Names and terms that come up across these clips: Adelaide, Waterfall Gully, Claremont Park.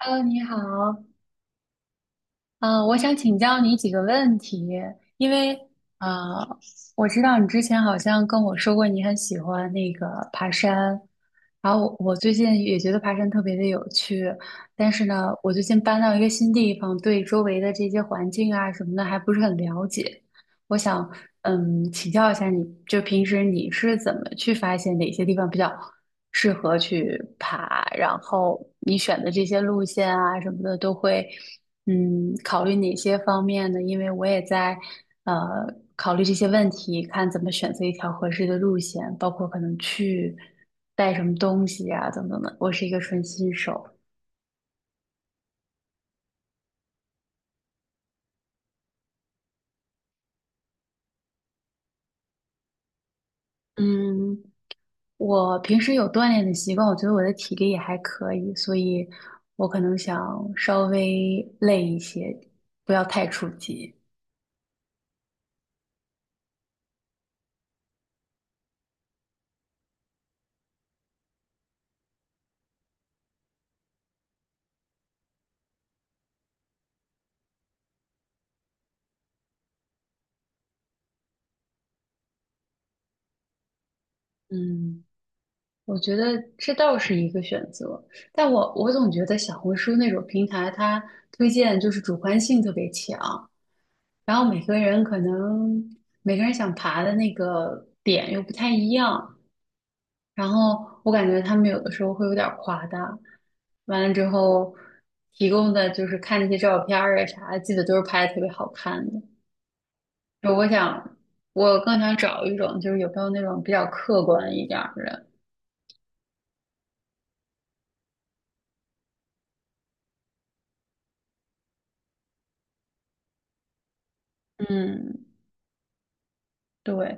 Hello，你好，我想请教你几个问题，因为呃，我知道你之前好像跟我说过你很喜欢那个爬山，然后我最近也觉得爬山特别的有趣，但是呢，我最近搬到一个新地方，对周围的这些环境啊什么的还不是很了解。我想嗯，请教一下你，就平时你是怎么去发现哪些地方比较适合去爬，然后你选的这些路线啊什么的都会。嗯，考虑哪些方面呢？因为我也在呃考虑这些问题，看怎么选择一条合适的路线，包括可能去带什么东西呀、等等的。我是一个纯新手，嗯，我平时有锻炼的习惯，我觉得我的体力也还可以，所以我可能想稍微累一些，不要太初级。嗯。我觉得这倒是一个选择，但我总觉得小红书那种平台，它推荐就是主观性特别强，然后每个人想爬的那个点又不太一样，然后我感觉他们有的时候会有点儿夸大，完了之后提供的就是看那些照片儿啊啥的，记得都是拍的特别好看的。就我想，我更想找一种就是有没有那种比较客观一点儿的，嗯，对。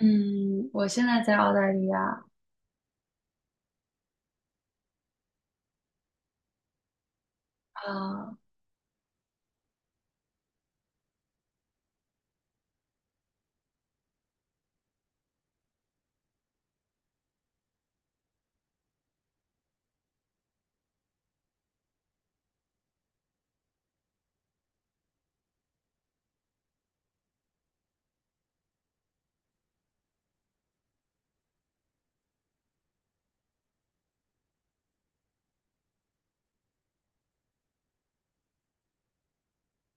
嗯，我现在在澳大利亚啊，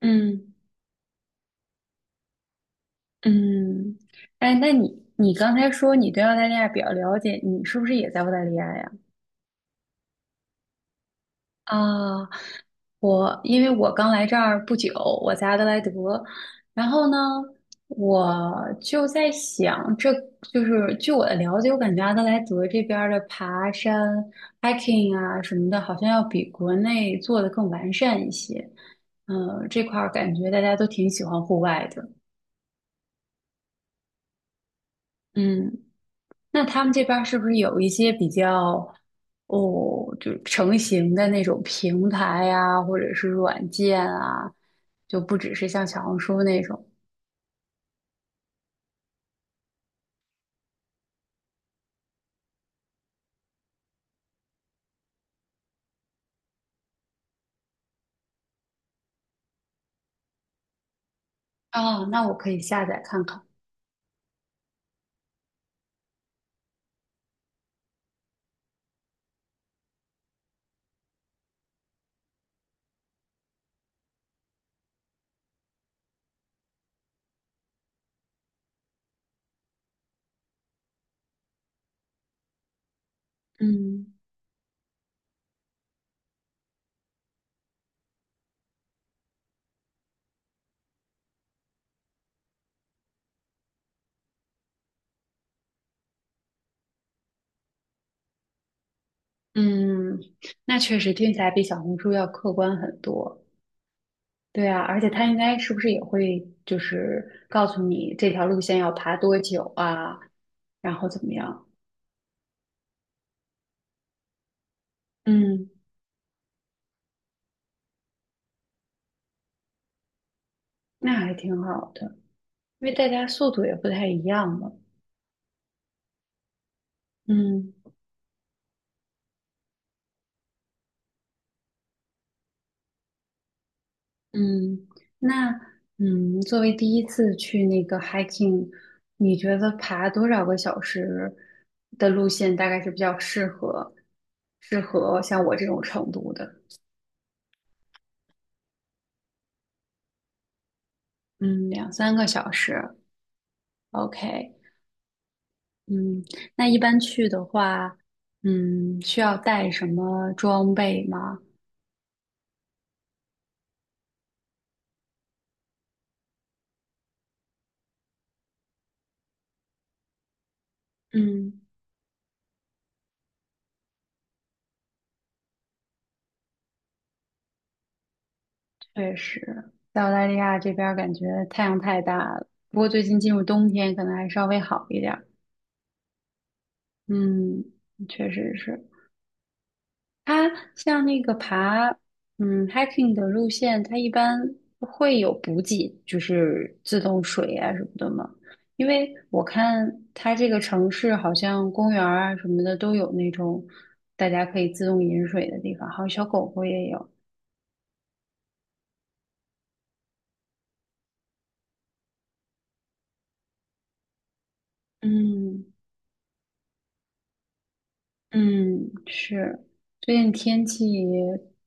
嗯嗯，哎，那你刚才说你对澳大利亚比较了解，你是不是也在澳大利亚呀？啊，我因为我刚来这儿不久，我在阿德莱德，然后呢，我就在想，这就是据我的了解，我感觉阿德莱德这边儿的爬山、hiking 啊什么的，好像要比国内做的更完善一些。嗯，这块儿感觉大家都挺喜欢户外的。嗯那他们这边儿是不是有一些比较哦，就成型的那种平台呀，或者是软件啊，就不只是像小红书那种哦，那我可以下载看看。嗯嗯，那确实听起来比小红书要客观很多。对啊，而且它应该是不是也会就是告诉你这条路线要爬多久啊，然后怎么样？嗯，那还挺好的，因为大家速度也不太一样嘛。嗯。嗯，那作为第一次去那个 hiking，你觉得爬多少个小时的路线大概是比较适合像我这种程度的？嗯，两三个小时，OK。嗯，那一般去的话，嗯，需要带什么装备吗？嗯，确实，在澳大利亚这边儿感觉太阳太大了，不过最近进入冬天，可能还稍微好一点儿。嗯，确实是。它像那个hiking 的路线，它一般会有补给，就是自动水啊什么的嘛。因为我看它这个城市好像公园儿啊什么的都有那种大家可以自动饮水的地方，还有小狗狗也有。嗯嗯，是，最近天气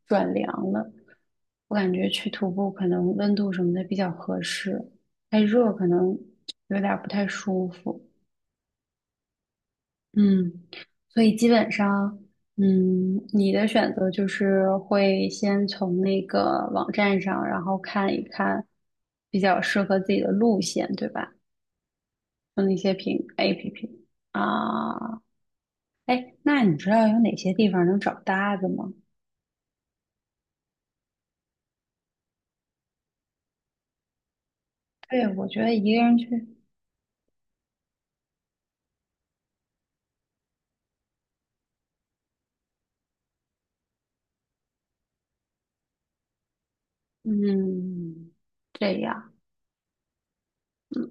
转凉了，我感觉去徒步可能温度什么的比较合适，太热可能有点儿不太舒服。嗯，所以基本上，嗯，你的选择就是会先从那个网站上，然后看一看比较适合自己的路线，对吧？用那些平 APP 啊，哎，那你知道有哪些地方能找搭子吗？对，我觉得一个人去，嗯，这样，嗯，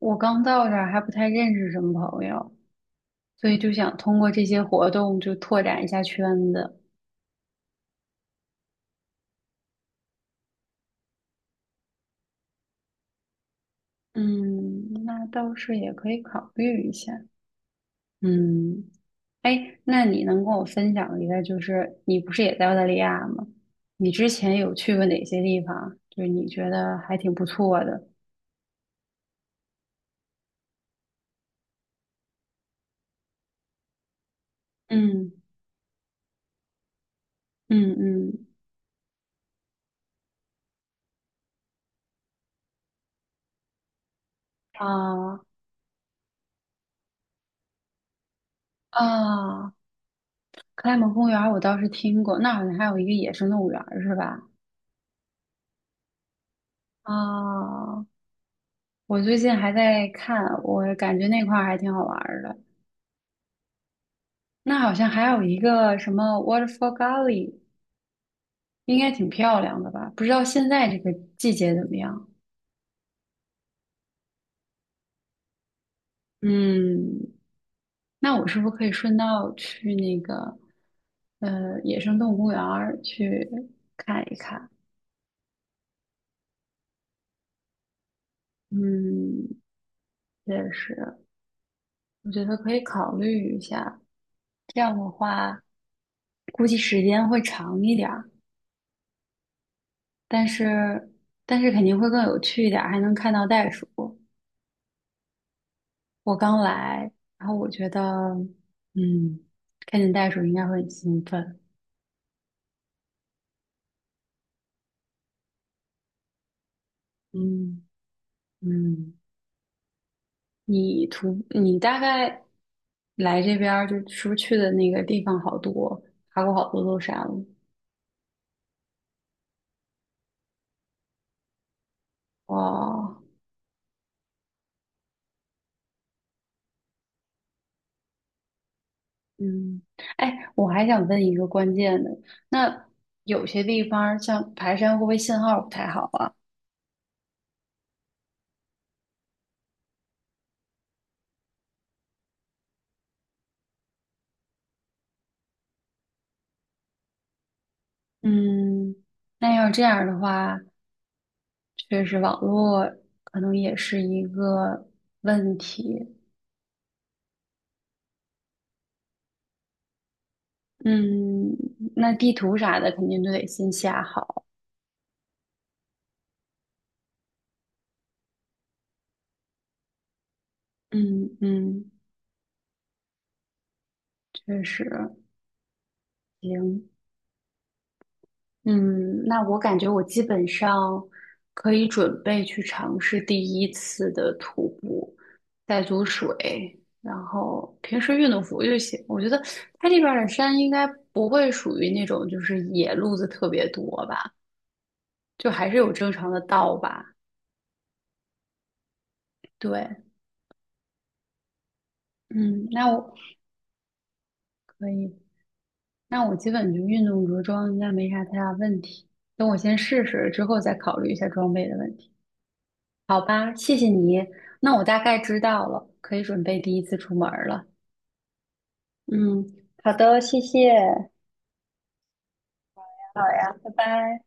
我刚到这儿还不太认识什么朋友，所以就想通过这些活动就拓展一下圈子。嗯，那倒是也可以考虑一下。嗯，哎，那你能跟我分享一个，就是你不是也在澳大利亚吗？你之前有去过哪些地方啊？就是你觉得还挺不错的。嗯嗯嗯，啊啊，克莱蒙公园儿我倒是听过，那好像还有一个野生动物园儿是吧？啊，我最近还在看，我感觉那块儿还挺好玩儿的。那好像还有一个什么 Waterfall Gully。应该挺漂亮的吧？不知道现在这个季节怎么样？嗯，那我是不是可以顺道去那个野生动物公园儿去看一看？嗯，也是，我觉得可以考虑一下。这样的话，估计时间会长一点儿，但是但是肯定会更有趣一点儿，还能看到袋鼠。我刚来，然后我觉得，嗯，看见袋鼠应该会很兴奋。嗯嗯。你大概来这边儿就是不是去的那个地方好多，爬过好多座山了。哇，嗯，哎，我还想问一个关键的，那有些地方儿像爬山会不会信号不太好啊？嗯，那要这样的话，确实网络可能也是一个问题。嗯，那地图啥的肯定都得先下好。嗯嗯，确实行。嗯，那我感觉我基本上可以准备去尝试第一次的徒步，带足水，然后平时运动服就行。我觉得它这边儿的山应该不会属于那种就是野路子特别多吧，就还是有正常的道吧。对，嗯，那我可以，那我基本就运动着装应该没啥太大问题。等我先试试，之后再考虑一下装备的问题。好吧，谢谢你。那我大概知道了，可以准备第一次出门儿了。嗯，好的，谢谢。好呀，拜拜。